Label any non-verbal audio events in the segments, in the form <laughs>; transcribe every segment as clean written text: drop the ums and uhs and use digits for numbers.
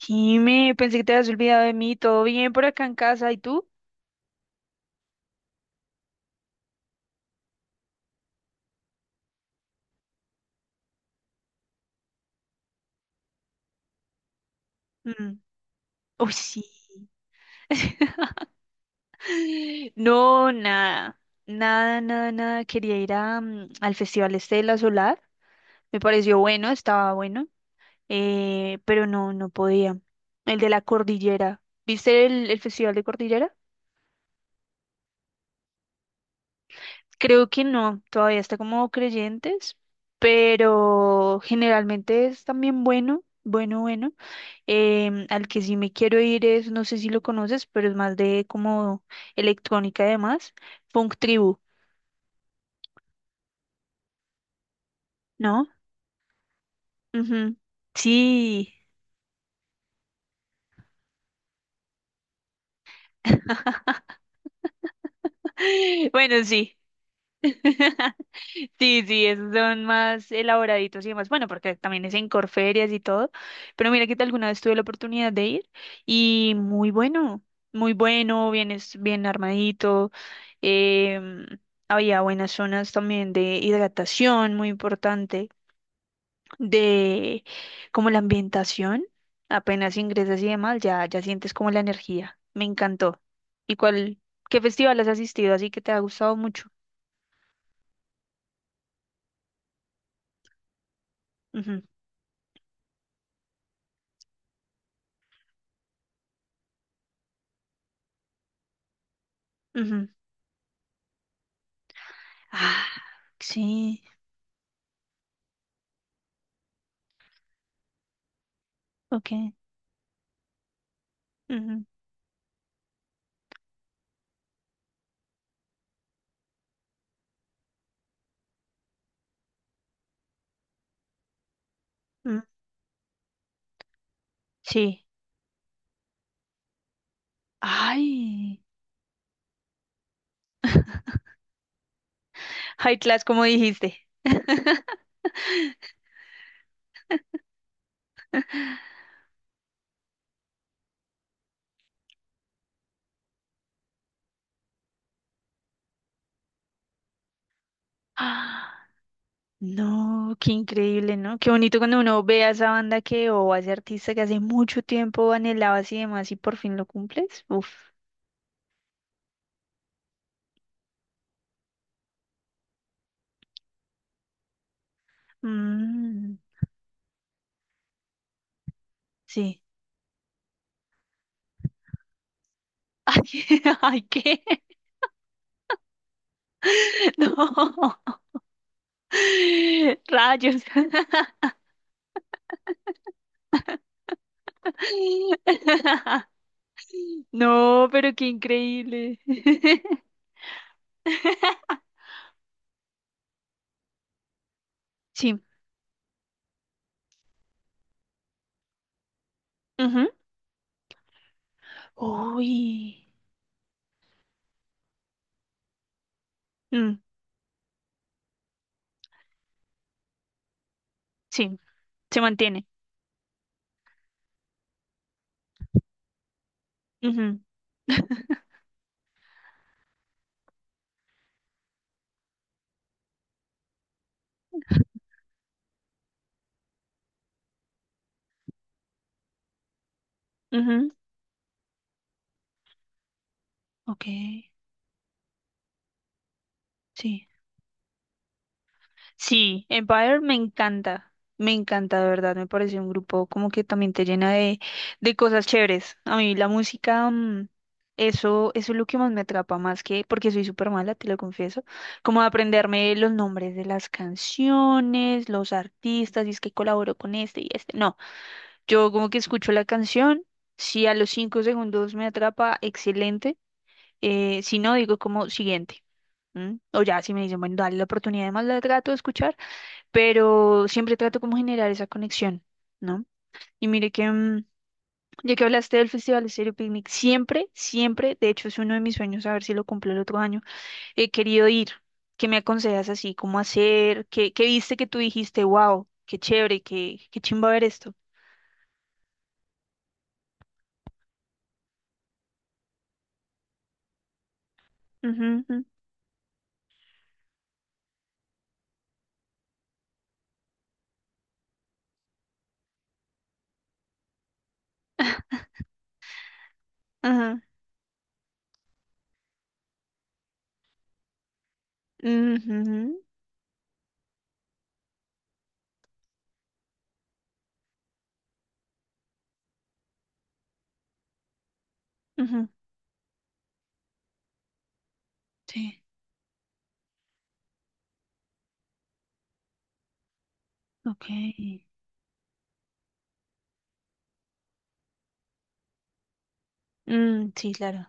Jime, pensé que te habías olvidado de mí. ¿Todo bien por acá en casa? ¿Y tú? Mm. Uy, sí. <laughs> No, nada. Nada, nada, nada. Quería ir al Festival este de la Solar. Me pareció bueno, estaba bueno. Pero no, no podía. El de la Cordillera. ¿Viste el Festival de Cordillera? Creo que no, todavía está como creyentes, pero generalmente es también bueno, bueno, bueno. Al que sí me quiero ir es, no sé si lo conoces, pero es más de como electrónica además, Funk Tribu, ¿no? Ujú. Sí. <laughs> Bueno, sí. <laughs> Sí, sí, esos son más elaboraditos y demás. Bueno, porque también es en Corferias y todo. Pero mira que alguna vez tuve la oportunidad de ir y muy bueno, muy bueno, bien, bien armadito. em, Había buenas zonas también de hidratación, muy importante, de como la ambientación. Apenas ingresas y demás, ya, ya sientes como la energía. Me encantó. ¿Y qué festival has asistido así que te ha gustado mucho? Ujú, ujú. Ah, sí, ok. Ujú, mm, sí. Ay, <laughs> high class, como dijiste. <laughs> Ah, no, qué increíble, ¿no? Qué bonito cuando uno ve a esa banda que o a ese artista que hace mucho tiempo anhelabas y demás y por fin lo cumples. Uf. Mm, sí. <laughs> Ay, <laughs> ay, ¿qué? <laughs> No. <laughs> Rayos. <laughs> No, pero qué increíble. <laughs> Sí. Ujú. Uy. Mm, sí, se mantiene. Ujú, ujú. Ok, sí. Sí, Empire me encanta. Me encanta, de verdad. Me parece un grupo como que también te llena de cosas chéveres. A mí la música, eso es lo que más me atrapa, más que porque soy súper mala, te lo confieso. Como aprenderme los nombres de las canciones, los artistas, y es que colaboro con este y este. No. Yo como que escucho la canción, si a los 5 segundos me atrapa, excelente. Si no, digo como siguiente. ¿M? O ya, si me dicen, bueno, dale la oportunidad, además la trato de escuchar, pero siempre trato como generar esa conexión, ¿no? Y mire que, ya que hablaste del Festival Estéreo Picnic, siempre, siempre, de hecho es uno de mis sueños, a ver si lo cumplo el otro año, he querido ir. ¿Qué me aconsejas así? ¿Cómo hacer? Qué viste que tú dijiste, wow, qué chévere, qué chimba ver esto? Ajá. Ujú, ujú. Sí, ok, mm, sí, claro.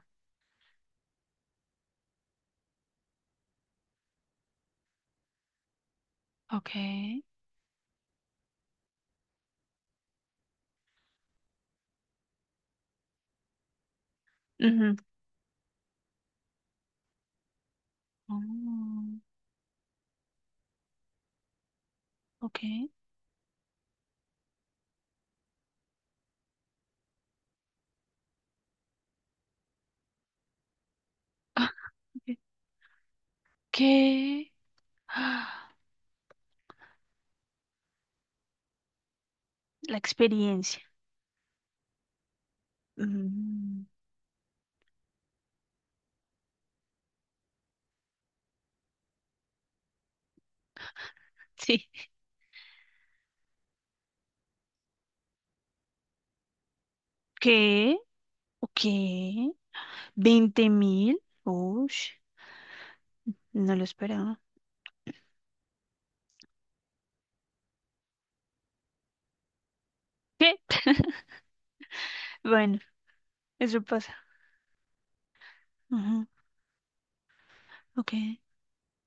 Ok. Ujú. Mm, ok. <laughs> ¿Qué? Ah, la experiencia. Mm, sí. ¿Qué? Ok. ¿20.000? Uy, no lo esperaba. ¿Qué? Bueno, eso pasa. Ujú, ok.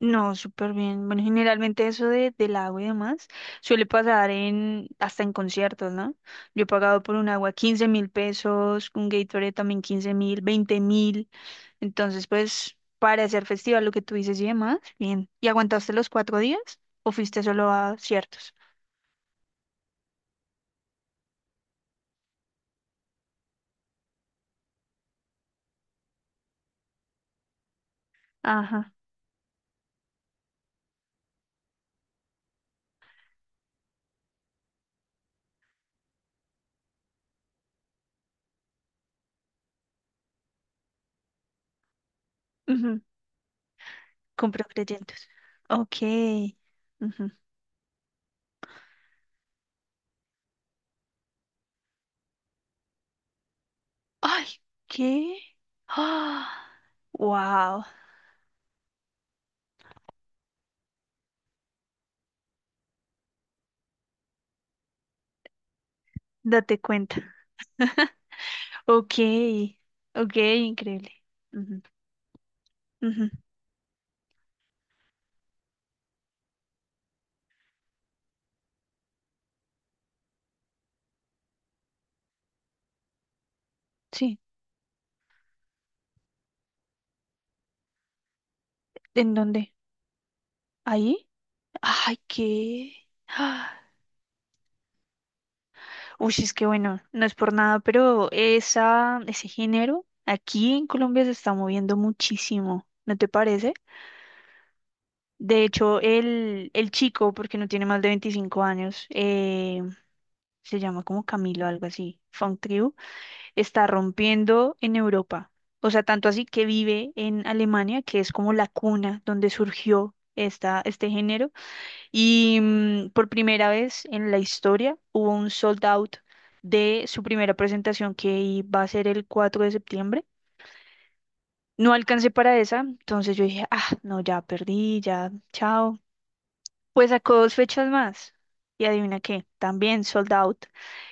No, súper bien. Bueno, generalmente eso del agua y demás suele pasar hasta en conciertos, ¿no? Yo he pagado por un agua 15.000 pesos, un Gatorade también 15.000, 20.000. Entonces, pues, para hacer festival, lo que tú dices y demás, bien. ¿Y aguantaste los 4 días o fuiste solo a ciertos? Ajá. Ujú, compro creyentes. Ok. Ujú. Ay, ¿qué? <gasps> Ah, wow. Date cuenta. <laughs> Ok, ok, increíble. Ujú, ujú. Sí, ¿en dónde? ¿Ahí? Ay, qué. Ah, uy, es que bueno, no es por nada, pero ese género aquí en Colombia se está moviendo muchísimo, ¿no te parece? De hecho, el chico, porque no tiene más de 25 años, se llama como Camilo, algo así, Funk, está rompiendo en Europa. O sea, tanto así que vive en Alemania, que es como la cuna donde surgió este género. Y por primera vez en la historia hubo un sold out de su primera presentación que iba a ser el 4 de septiembre. No alcancé para esa, entonces yo dije, ah, no, ya perdí, ya, chao. Pues sacó dos fechas más. Y adivina qué, también sold out.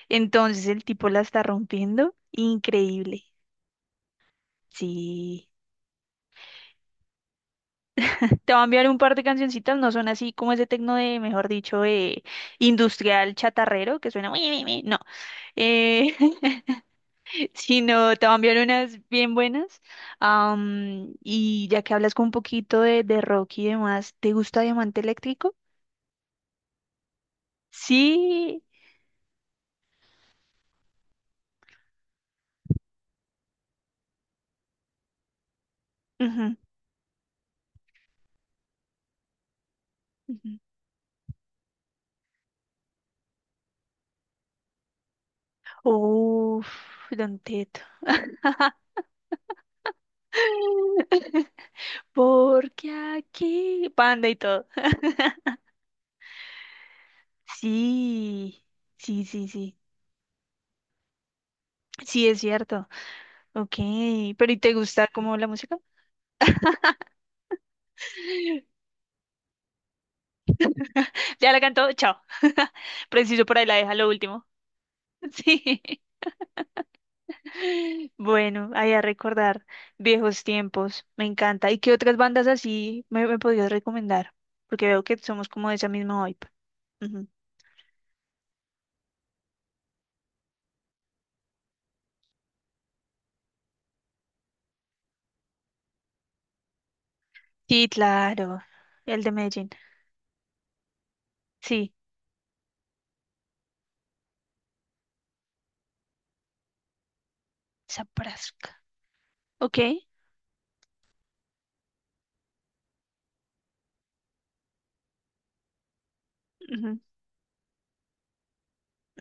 Entonces el tipo la está rompiendo. Increíble. Sí. Te va a enviar un par de cancioncitas, no son así como ese tecno mejor dicho, industrial chatarrero, que suena "ui, ui, ui". No, eh, <laughs> sino te va a enviar unas bien buenas. Y ya que hablas con un poquito de rock y demás, ¿te gusta Diamante Eléctrico? Sí. Ujú, ujú. Uf, Don Teto. <laughs> Porque aquí, Panda y todo. Sí, sí, sí, sí. Sí, es cierto. Ok, pero ¿y te gusta como la música? <laughs> Ya la cantó, chao. <laughs> Preciso por ahí la deja lo último. <laughs> Sí. Bueno, ahí a recordar viejos tiempos. Me encanta. ¿Y qué otras bandas así me podrías recomendar? Porque veo que somos como de esa misma vibe. Ujú. Sí, claro. El de Medellín. Sí, Zaprasca. Ok. Ujú.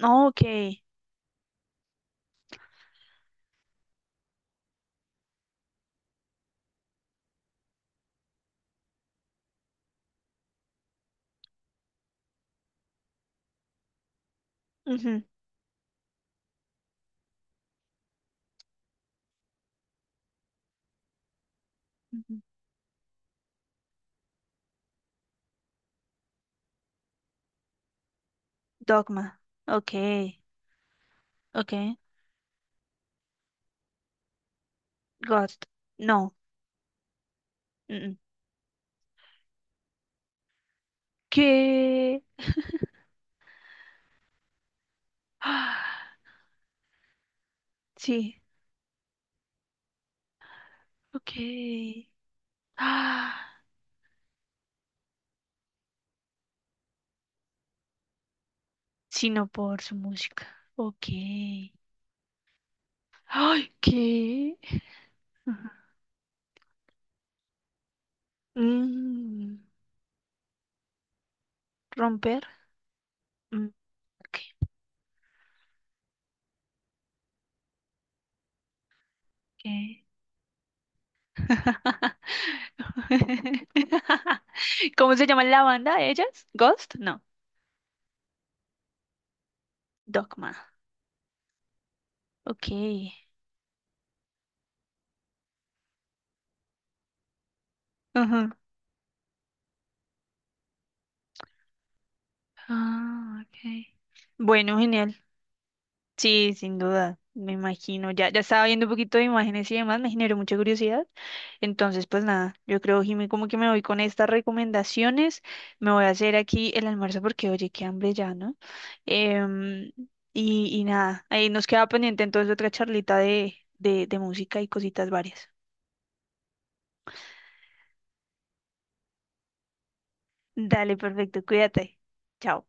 Oh, ok. Ujú, ujú. Dogma. Ok. Ok. Ghost. No. Mm, mm. ¿Qué? Ah, sí, ok. Ah, sino por su música. Ok. Ay, ¿qué? Ajá. Mm, romper. Mm, ok, ok. <laughs> ¿Cómo se llama la banda de ellas? ¿Ghost? No, Dogma. Ok. Ajá. Ah, ok. Bueno, genial. Sí, sin duda, me imagino. Ya, ya estaba viendo un poquito de imágenes y demás, me generó mucha curiosidad. Entonces, pues nada, yo creo, Jimmy, como que me voy con estas recomendaciones. Me voy a hacer aquí el almuerzo porque, oye, qué hambre ya, ¿no? Em, y nada, ahí nos queda pendiente entonces otra charlita de música y cositas varias. Dale, perfecto, cuídate. Chao.